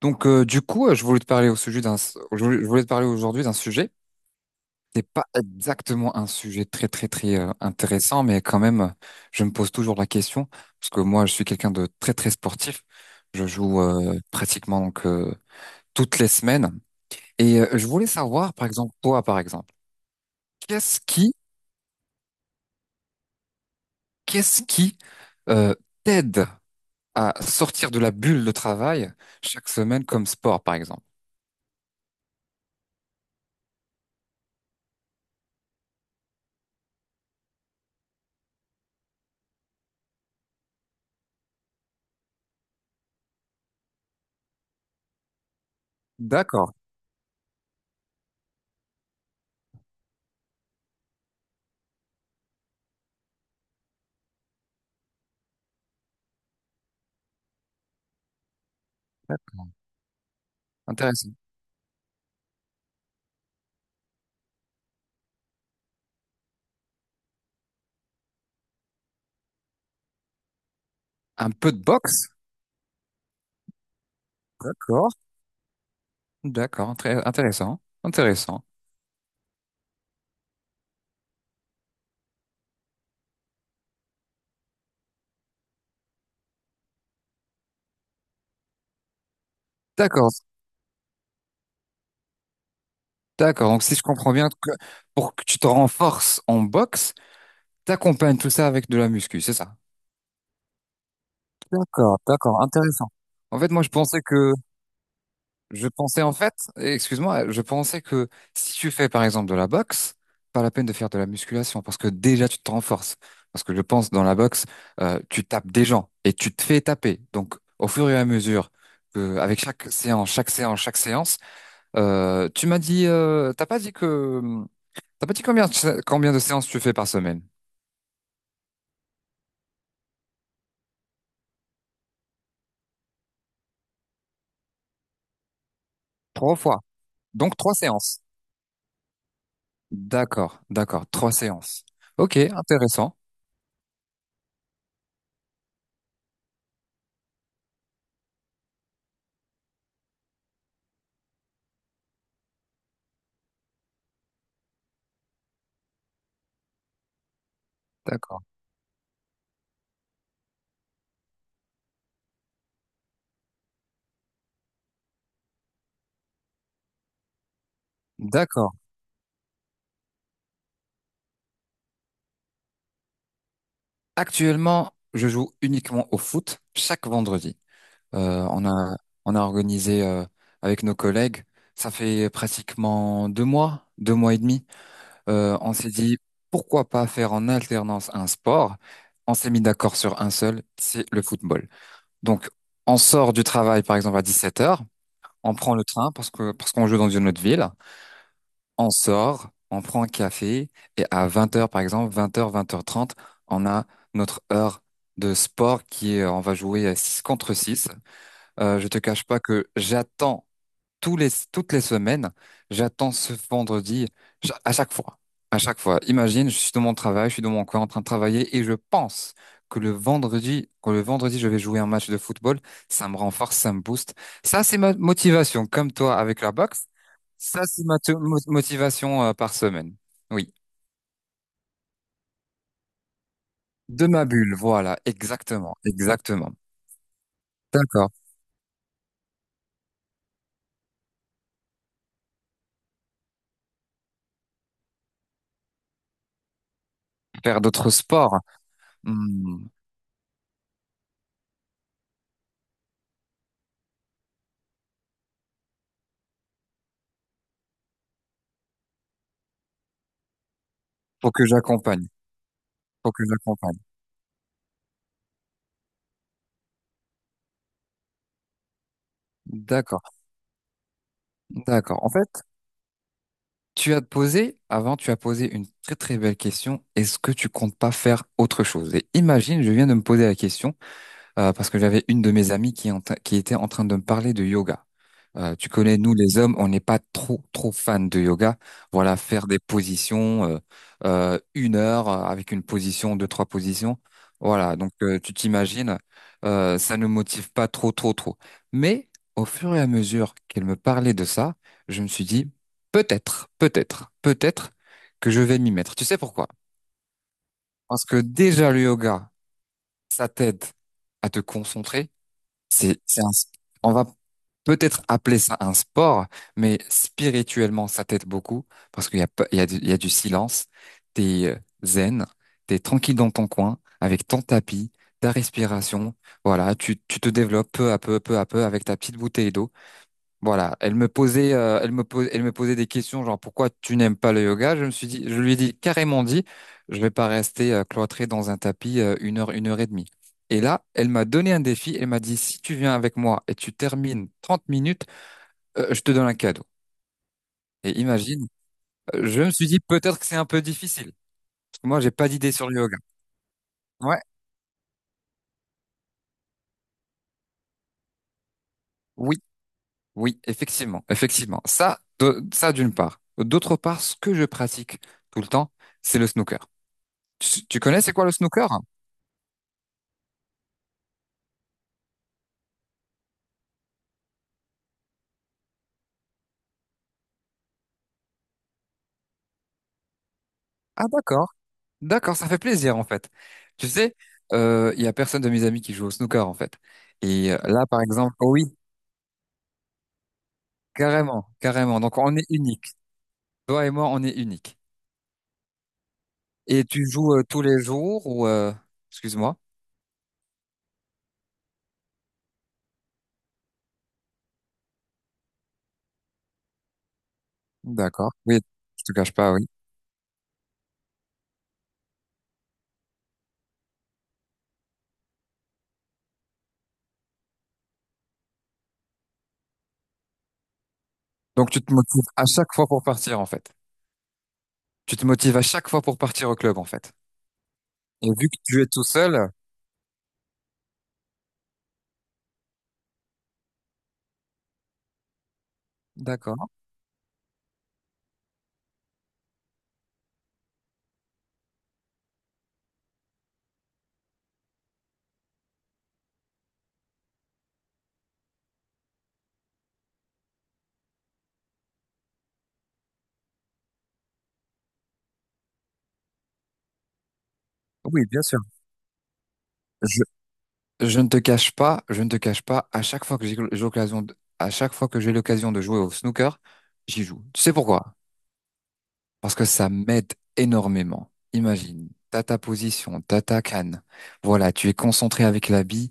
Donc, du coup, je voulais te parler au sujet d'un, je voulais te parler aujourd'hui d'un sujet. C'est pas exactement un sujet très, très, très intéressant, mais quand même, je me pose toujours la question parce que moi, je suis quelqu'un de très, très sportif. Je joue pratiquement donc toutes les semaines. Et je voulais savoir, par exemple, toi, par exemple, qu'est-ce qui, qu'est-ce qui euh, t'aide à sortir de la bulle de travail chaque semaine comme sport, par exemple? D'accord, intéressant. Un peu de boxe? D'accord, très intéressant, intéressant. D'accord, d'accord. Donc si je comprends bien, que pour que tu te renforces en boxe, t'accompagnes tout ça avec de la muscu, c'est ça? D'accord, d'accord, intéressant. En fait, moi je pensais que, je pensais en fait, excuse-moi, je pensais que si tu fais par exemple de la boxe, pas la peine de faire de la musculation parce que déjà tu te renforces. Parce que je pense dans la boxe, tu tapes des gens et tu te fais taper. Donc au fur et à mesure que, avec chaque séance, chaque séance, chaque séance. Tu m'as dit, t'as pas dit que, t'as pas dit combien, combien de séances tu fais par semaine? Trois fois. Donc trois séances. D'accord, d'accord, trois séances. Ok, intéressant. D'accord, d'accord. Actuellement, je joue uniquement au foot chaque vendredi. Euh, on a, on a organisé avec nos collègues. Ça fait pratiquement 2 mois, 2 mois et demi. On s'est dit pourquoi pas faire en alternance un sport. On s'est mis d'accord sur un seul, c'est le football. Donc, on sort du travail, par exemple, à 17 h, on prend le train parce que, parce qu'on joue dans une autre ville, on sort, on prend un café, et à 20 h par exemple, 20 h 30, on a notre heure de sport qui est, on va jouer à 6 contre 6. Je te cache pas que j'attends toutes les semaines, j'attends ce vendredi à chaque fois. À chaque fois. Imagine, je suis dans mon travail, je suis dans mon coin en train de travailler et je pense que le vendredi, je vais jouer un match de football. Ça me renforce, ça me booste. Ça, c'est ma motivation, comme toi avec la boxe. Ça, c'est ma motivation par semaine. Oui. De ma bulle, voilà, exactement, exactement. D'accord. Faire d'autres sports, hmm, faut que j'accompagne, faut que j'accompagne. D'accord, d'accord. En fait, tu as posé, avant, tu as posé une très très belle question. Est-ce que tu comptes pas faire autre chose? Et imagine, je viens de me poser la question parce que j'avais une de mes amies qui était en train de me parler de yoga. Tu connais, nous les hommes, on n'est pas trop trop fans de yoga. Voilà, faire des positions une heure avec une position, deux, trois positions. Voilà, donc tu t'imagines, ça ne motive pas trop trop trop. Mais au fur et à mesure qu'elle me parlait de ça, je me suis dit peut-être, peut-être, peut-être que je vais m'y mettre. Tu sais pourquoi? Parce que déjà le yoga, ça t'aide à te concentrer. C'est un, on va peut-être appeler ça un sport, mais spirituellement, ça t'aide beaucoup parce qu'il y a, pas- il y a du silence. T'es zen, t'es tranquille dans ton coin avec ton tapis, ta respiration. Voilà, tu te développes peu à peu avec ta petite bouteille d'eau. Voilà, elle me posait des questions genre pourquoi tu n'aimes pas le yoga? Je lui ai dit carrément dit, je vais pas rester cloîtré dans un tapis une heure et demie. Et là, elle m'a donné un défi. Elle m'a dit si tu viens avec moi et tu termines 30 minutes, je te donne un cadeau. Et imagine, je me suis dit peut-être que c'est un peu difficile. Parce que moi, j'ai pas d'idée sur le yoga. Ouais, oui, oui, effectivement, effectivement. Ça d'une part. D'autre part, ce que je pratique tout le temps, c'est le snooker. Tu connais c'est quoi le snooker? Ah d'accord, d'accord, ça fait plaisir en fait. Tu sais, il y a personne de mes amis qui joue au snooker en fait. Et là par exemple, oh oui, carrément, carrément. Donc on est unique. Toi et moi, on est unique. Et tu joues tous les jours ou excuse-moi. D'accord. Oui, je te cache pas, oui. Donc tu te motives à chaque fois pour partir en fait. Tu te motives à chaque fois pour partir au club en fait. Et vu que tu es tout seul, d'accord. Oui, bien sûr. Je ne te cache pas, je ne te cache pas, à chaque fois que j'ai l'occasion à chaque fois que j'ai l'occasion de jouer au snooker, j'y joue. Tu sais pourquoi? Parce que ça m'aide énormément. Imagine, t'as ta position, t'as ta canne. Voilà, tu es concentré avec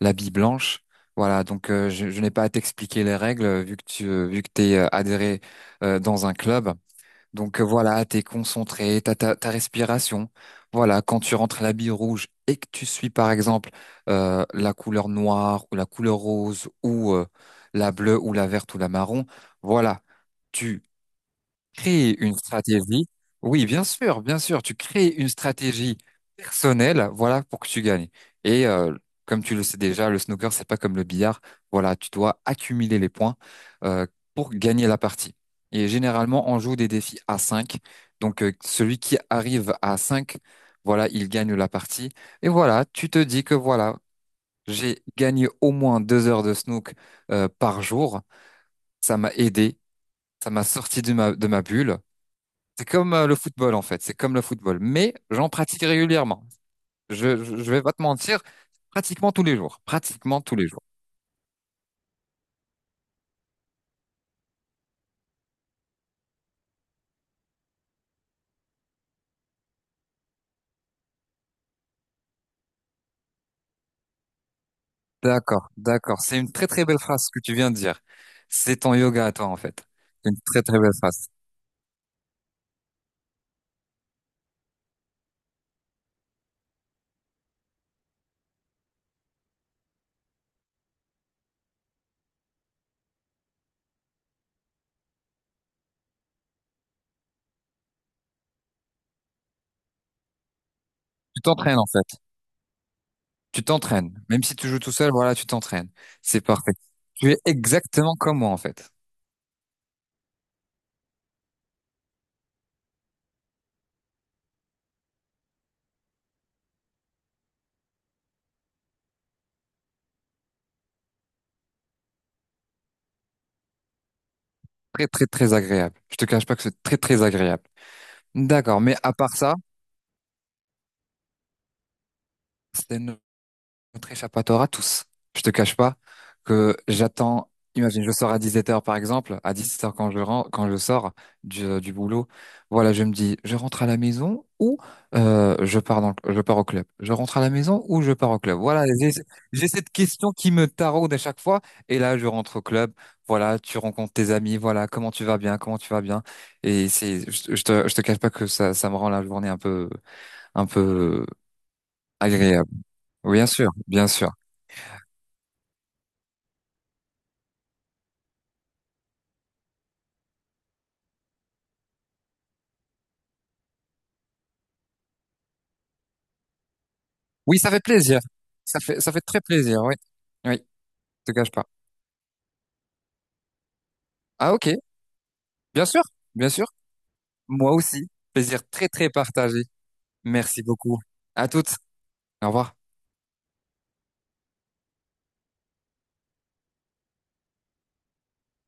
la bille blanche. Voilà, donc je n'ai pas à t'expliquer les règles vu que t'es adhéré dans un club. Donc voilà, t'es concentré, t'as ta respiration. Voilà, quand tu rentres à la bille rouge et que tu suis par exemple la couleur noire ou la couleur rose ou la bleue ou la verte ou la marron, voilà, tu créer une stratégie. Oui, bien sûr, bien sûr. Tu crées une stratégie personnelle, voilà, pour que tu gagnes. Et comme tu le sais déjà, le snooker, c'est pas comme le billard. Voilà, tu dois accumuler les points euh, pour gagner la partie. Et généralement, on joue des défis à 5. Donc, celui qui arrive à 5, voilà, il gagne la partie. Et voilà, tu te dis que voilà, j'ai gagné au moins 2 heures de snook par jour. Ça m'a aidé, ça m'a sorti de ma bulle. C'est comme le football en fait, c'est comme le football. Mais j'en pratique régulièrement. Je vais pas te mentir, pratiquement tous les jours, pratiquement tous les jours. D'accord, d'accord. C'est une très très belle phrase que tu viens de dire. C'est ton yoga à toi en fait. C'est une très très belle phrase. Tu t'entraînes en fait. Tu t'entraînes. Même si tu joues tout seul, voilà, tu t'entraînes. C'est parfait. Tu es exactement comme moi en fait. Très très très agréable. Je te cache pas que c'est très très agréable. D'accord, mais à part ça, c'est notre échappatoire à tous. Je te cache pas que j'attends, imagine, je sors à 17 heures, par exemple, à 17 heures quand je rentre, quand je sors du boulot, voilà, je me dis, je rentre à la maison ou je pars au club. Je rentre à la maison ou je pars au club. Voilà, j'ai cette question qui me taraude à chaque fois. Et là, je rentre au club. Voilà, tu rencontres tes amis. Voilà, comment tu vas bien, comment tu vas bien. Et c'est, je te cache pas que ça me rend la journée un peu agréable. Oui, bien sûr, bien sûr. Oui, ça fait plaisir. Ça fait très plaisir, oui. Oui, je te cache pas. Ah, ok. Bien sûr, bien sûr. Moi aussi. Plaisir très, très partagé. Merci beaucoup. À toutes. Au revoir.